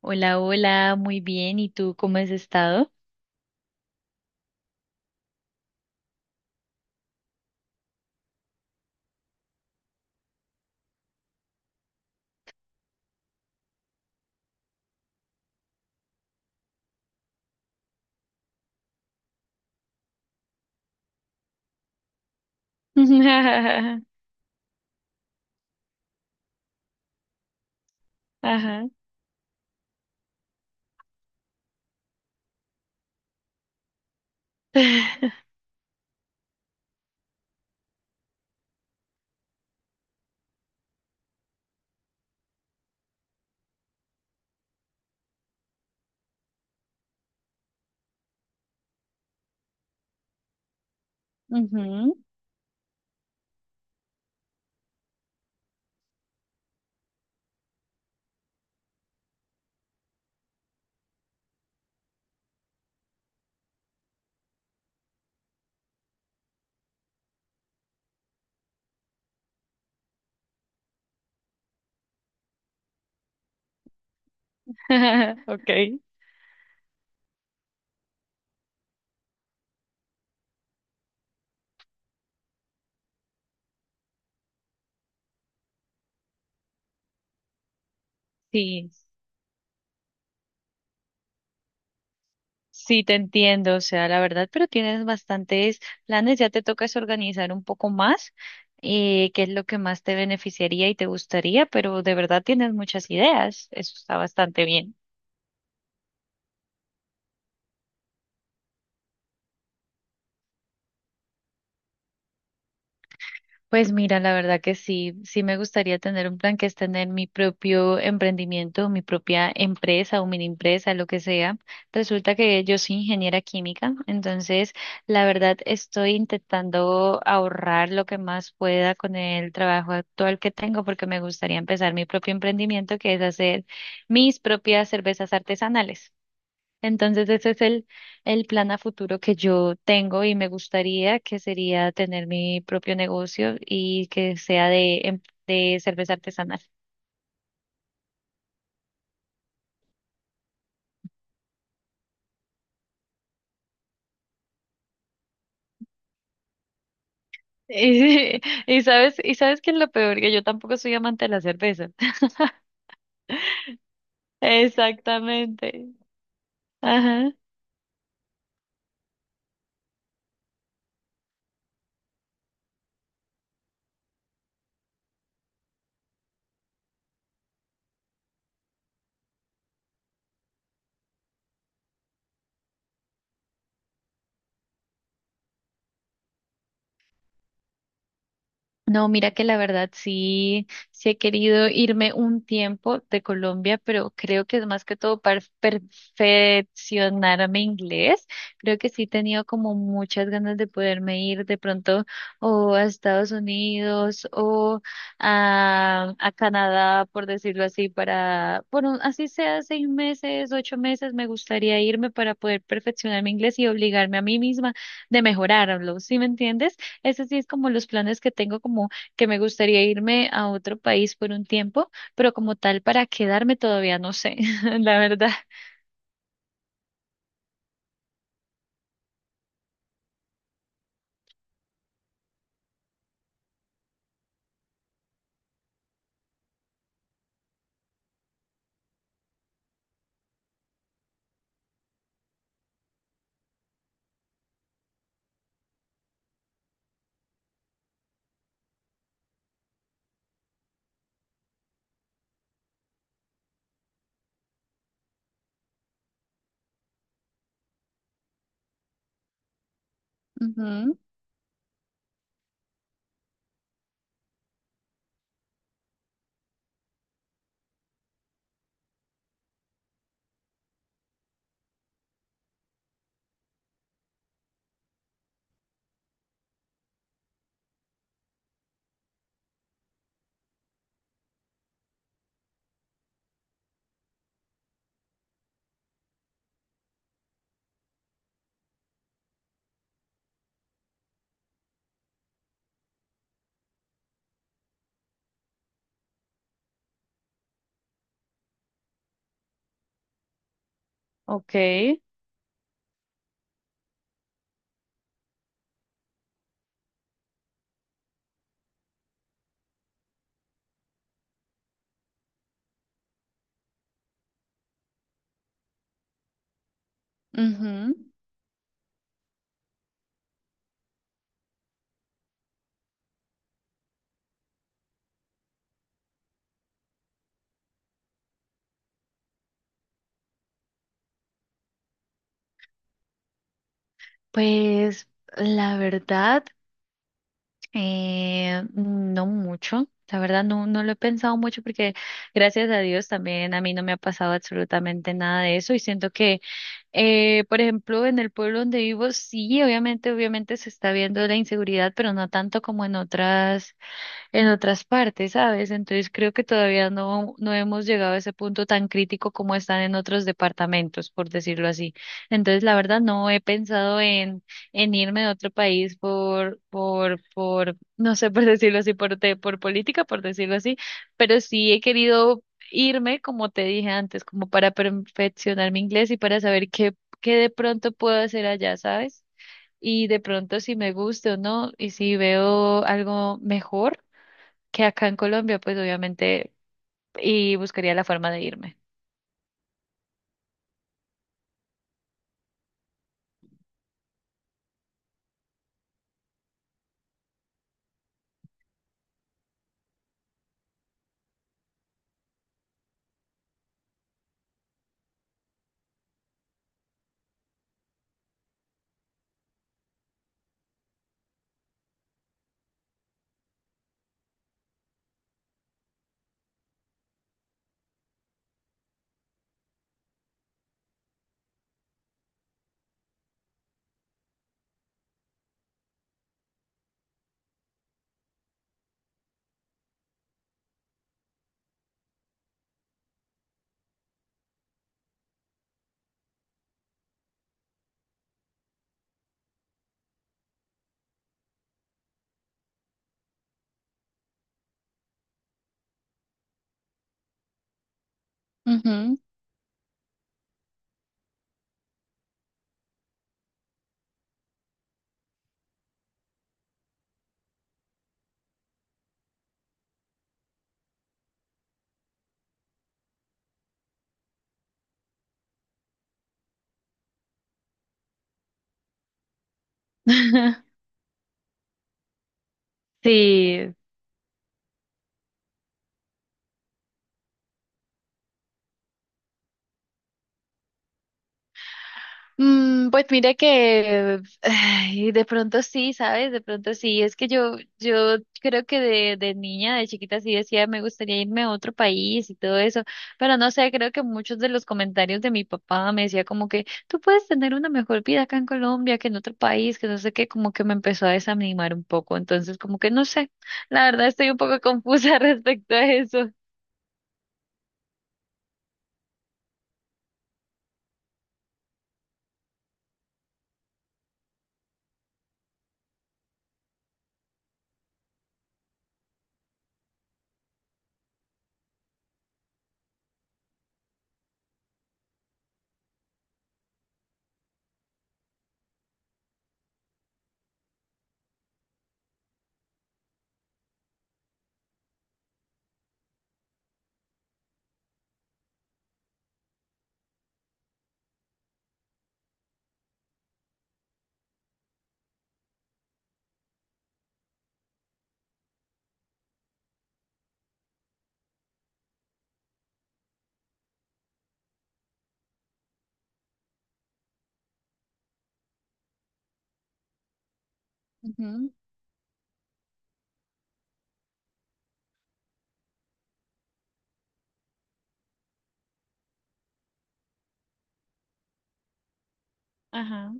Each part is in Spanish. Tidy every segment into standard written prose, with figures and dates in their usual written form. Hola, hola, muy bien. ¿Y tú cómo has estado? Ajá. Ujú. Okay. Sí, sí, te entiendo, o sea, la verdad, pero tienes bastantes planes, ya te toca es organizar un poco más, qué es lo que más te beneficiaría y te gustaría, pero de verdad tienes muchas ideas, eso está bastante bien. Pues mira, la verdad que sí, sí me gustaría tener un plan que es tener mi propio emprendimiento, mi propia empresa o mini empresa, lo que sea. Resulta que yo soy ingeniera química, entonces la verdad estoy intentando ahorrar lo que más pueda con el trabajo actual que tengo porque me gustaría empezar mi propio emprendimiento que es hacer mis propias cervezas artesanales. Entonces ese es el plan a futuro que yo tengo y me gustaría que sería tener mi propio negocio y que sea de, de cerveza artesanal. Y, y sabes que es lo peor, que yo tampoco soy amante de la cerveza. Exactamente. Ajá. No, mira que la verdad sí, sí he querido irme un tiempo de Colombia, pero creo que es más que todo para perfeccionar mi inglés. Creo que sí he tenido como muchas ganas de poderme ir de pronto o a Estados Unidos o a, Canadá, por decirlo así, para, bueno, así sea 6 meses, 8 meses, me gustaría irme para poder perfeccionar mi inglés y obligarme a mí misma de mejorarlo, ¿sí me entiendes? Eso sí es como los planes que tengo, como que me gustaría irme a otro país por un tiempo, pero como tal para quedarme todavía no sé, la verdad. Ujú, ok. Ujú. Pues la verdad, no mucho. La verdad, no, no lo he pensado mucho porque gracias a Dios también a mí no me ha pasado absolutamente nada de eso y siento que, por ejemplo, en el pueblo donde vivo, sí, obviamente, obviamente se está viendo la inseguridad, pero no tanto como en otras partes, ¿sabes? Entonces creo que todavía no, no hemos llegado a ese punto tan crítico como están en otros departamentos, por decirlo así. Entonces, la verdad, no he pensado en, irme a otro país por, no sé, por decirlo así, por política, por decirlo así, pero sí he querido irme, como te dije antes, como para perfeccionar mi inglés y para saber qué de pronto puedo hacer allá, ¿sabes? Y de pronto si me gusta o no, y si veo algo mejor que acá en Colombia, pues obviamente, y buscaría la forma de irme. Ujú. Sí, pues mire que ay, de pronto sí, ¿sabes? De pronto sí. Es que yo creo que de niña, de chiquita sí decía me gustaría irme a otro país y todo eso. Pero no sé, creo que muchos de los comentarios de mi papá me decía como que tú puedes tener una mejor vida acá en Colombia que en otro país, que no sé qué, como que me empezó a desanimar un poco. Entonces, como que no sé. La verdad estoy un poco confusa respecto a eso. Ujú, ajá.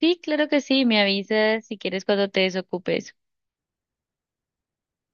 Sí, claro que sí. Me avisas si quieres cuando te desocupes.